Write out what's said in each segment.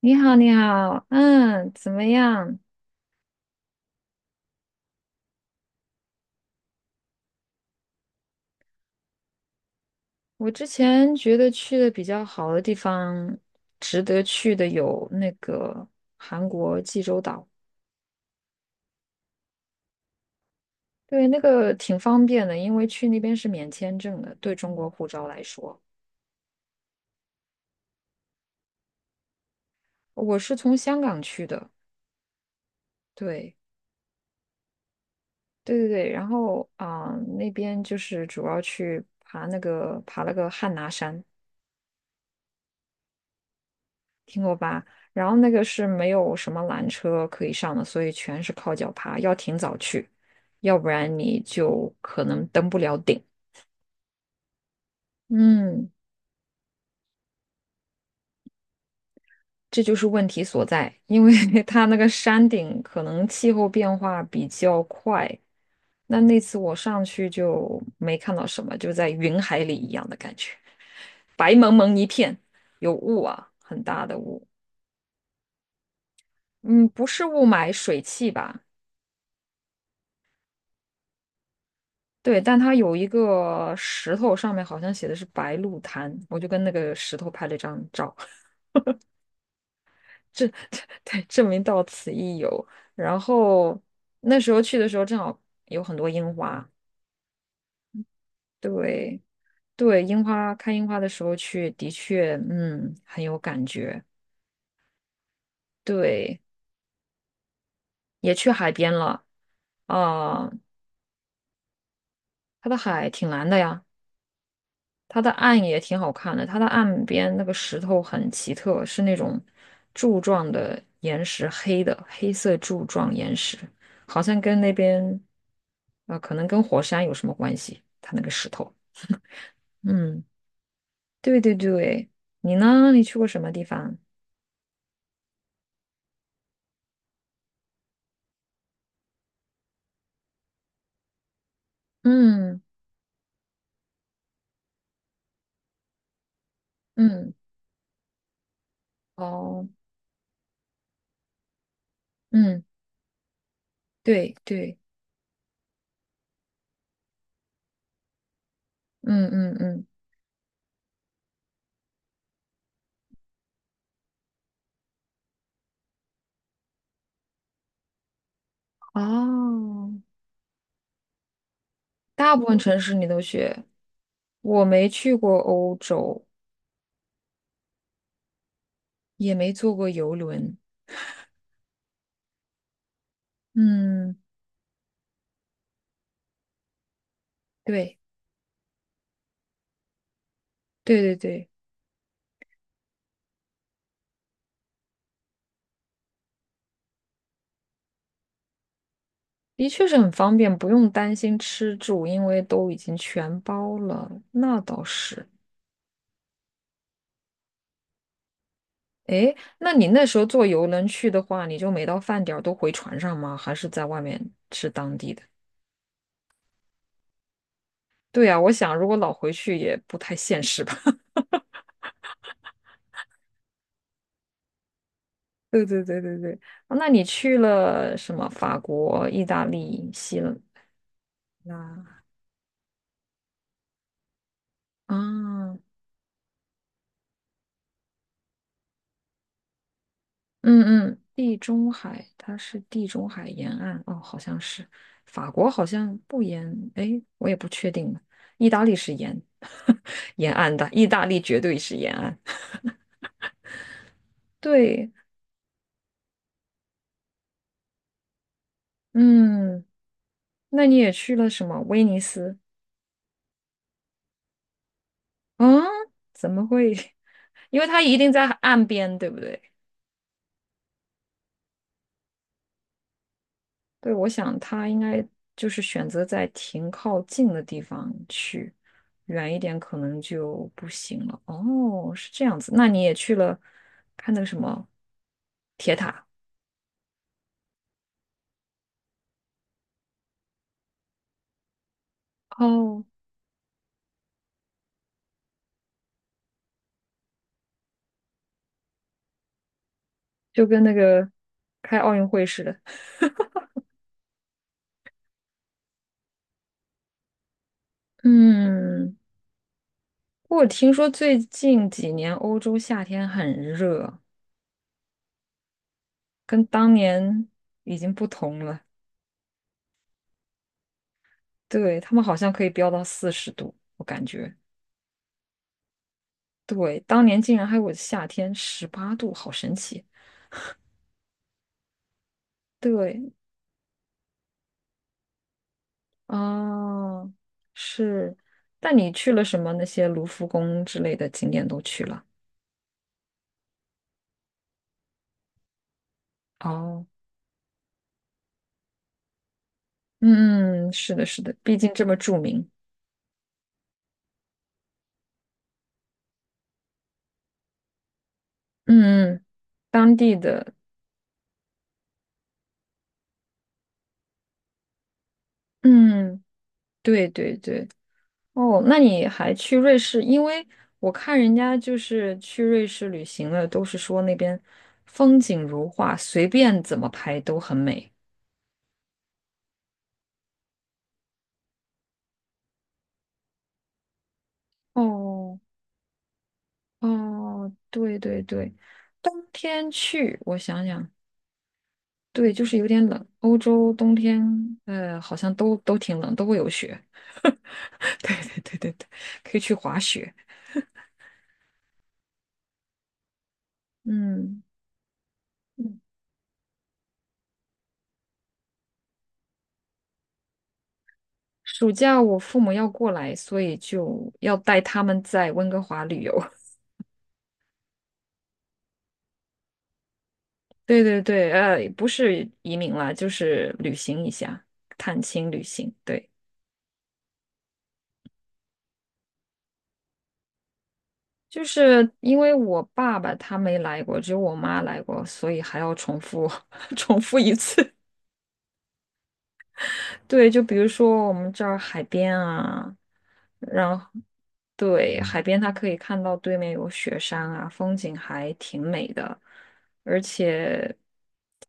你好，你好，嗯，怎么样？我之前觉得去的比较好的地方，值得去的有那个韩国济州岛，对，那个挺方便的，因为去那边是免签证的，对中国护照来说，我是从香港去的，对，对对对，然后那边就是主要去爬了个汉拿山，听过吧？然后那个是没有什么缆车可以上的，所以全是靠脚爬，要挺早去，要不然你就可能登不了顶。嗯，这就是问题所在，因为 它那个山顶可能气候变化比较快。那次我上去就没看到什么，就在云海里一样的感觉，白蒙蒙一片，有雾啊，很大的雾。嗯，不是雾霾，水汽吧？对，但它有一个石头，上面好像写的是白鹿潭，我就跟那个石头拍了一张照，这这对，证明到此一游。然后那时候去的时候，正好有很多樱花，对对，看樱花的时候去，的确，嗯，很有感觉。对，也去海边了，啊、它的海挺蓝的呀。它的岸也挺好看的，它的岸边那个石头很奇特，是那种柱状的岩石，黑的，黑色柱状岩石，好像跟那边，可能跟火山有什么关系？它那个石头，嗯，对对对，你呢？你去过什么地方？嗯嗯，哦，嗯，对对，嗯嗯嗯，哦，大部分城市你都去，我没去过欧洲，也没坐过游轮。嗯，对对对对，的确是很方便，不用担心吃住，因为都已经全包了。那倒是。诶，那你那时候坐游轮去的话，你就每到饭点儿都回船上吗？还是在外面吃当地的？对啊，我想如果老回去也不太现实吧。对对对对对，啊那你去了什么？法国、意大利、希腊啊？嗯嗯，地中海，它是地中海沿岸哦，好像是法国，好像不沿，哎，我也不确定了。意大利是沿 沿岸的，意大利绝对是沿岸。对，嗯，那你也去了什么？威尼斯？嗯，怎么会？因为它一定在岸边，对不对？对，我想他应该就是选择在停靠近的地方去，远一点可能就不行了。哦，是这样子。那你也去了看那个什么铁塔？哦，就跟那个开奥运会似的。嗯，我听说最近几年欧洲夏天很热，跟当年已经不同了。对，他们好像可以飙到40度，我感觉。对，当年竟然还有夏天18度，好神奇。对，啊，是。但你去了什么那些卢浮宫之类的景点都去了？哦，嗯，是的，是的，毕竟这么著名。嗯，当地的，嗯，对对对。哦，那你还去瑞士？因为我看人家就是去瑞士旅行的，都是说那边风景如画，随便怎么拍都很美。哦，哦，对对对，冬天去，我想想，对，就是有点冷。欧洲冬天，好像都挺冷，都会有雪。对对对对对，可以去滑雪。嗯嗯，暑假我父母要过来，所以就要带他们在温哥华旅游。对对对，不是移民了，就是旅行一下，探亲旅行。对。就是因为我爸爸他没来过，只有我妈来过，所以还要重复 重复一次。对，就比如说我们这儿海边啊，然后对，海边，它可以看到对面有雪山啊，风景还挺美的，而且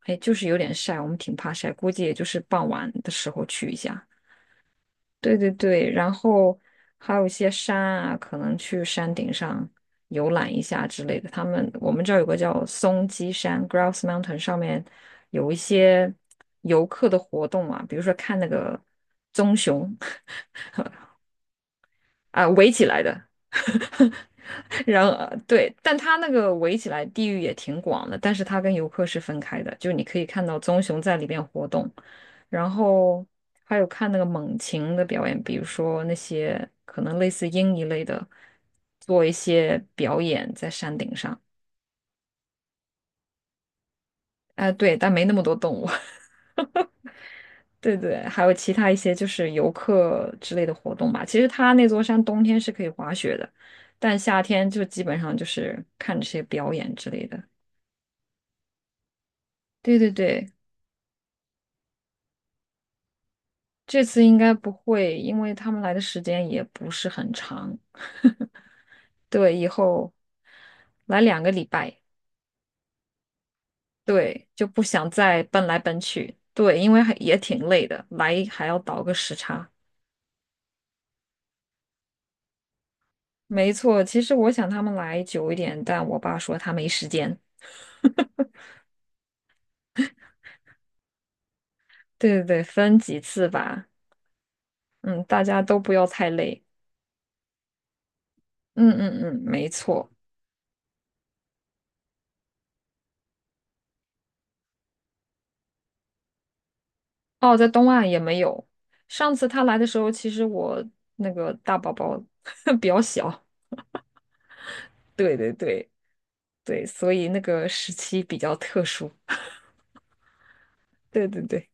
哎，就是有点晒，我们挺怕晒，估计也就是傍晚的时候去一下。对对对，然后还有一些山啊，可能去山顶上游览一下之类的。我们这儿有个叫松鸡山 （Grouse Mountain），上面有一些游客的活动嘛，比如说看那个棕熊 啊，围起来的，然后对，但它那个围起来地域也挺广的，但是它跟游客是分开的，就你可以看到棕熊在里边活动，然后还有看那个猛禽的表演，比如说那些可能类似鹰一类的，做一些表演在山顶上。哎，对，但没那么多动物。对对，还有其他一些就是游客之类的活动吧。其实它那座山冬天是可以滑雪的，但夏天就基本上就是看这些表演之类的。对对对，这次应该不会，因为他们来的时间也不是很长。对，以后来2个礼拜，对，就不想再奔来奔去。对，因为还也挺累的，来还要倒个时差。没错，其实我想他们来久一点，但我爸说他没时间。对对对，分几次吧。嗯，大家都不要太累。嗯嗯嗯，没错。哦，在东岸也没有。上次他来的时候，其实我那个大宝宝 比较小。对对对。对，所以那个时期比较特殊。对对对，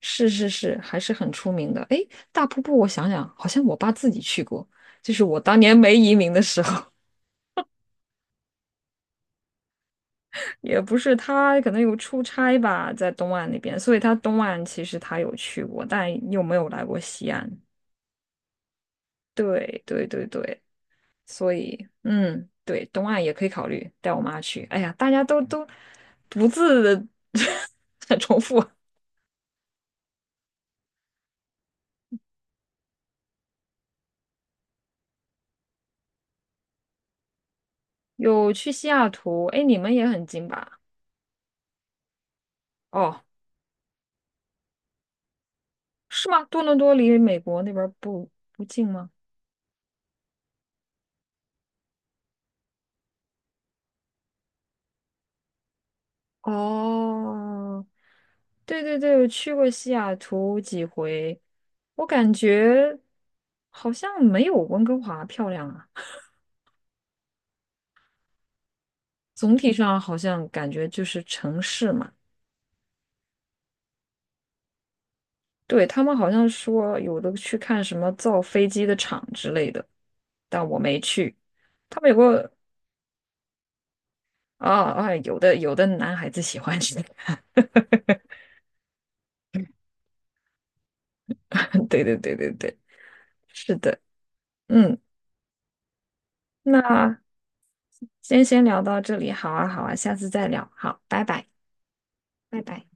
是是是，还是很出名的。哎，大瀑布，我想想，好像我爸自己去过，就是我当年没移民的时候，也不是，他可能有出差吧，在东岸那边，所以他东岸其实他有去过，但又没有来过西岸。对对对对，所以嗯，对，东岸也可以考虑带我妈去。哎呀，大家都不自 很重复啊。有去西雅图，哎，你们也很近吧？哦，是吗？多伦多离美国那边儿不近吗？哦，对对对，我去过西雅图几回，我感觉好像没有温哥华漂亮啊。总体上好像感觉就是城市嘛。对，他们好像说有的去看什么造飞机的厂之类的，但我没去。他们有个啊啊，有的男孩子喜欢去，对对对对对，是的，嗯。那先聊到这里，好啊，好啊，下次再聊，好，拜拜，拜拜。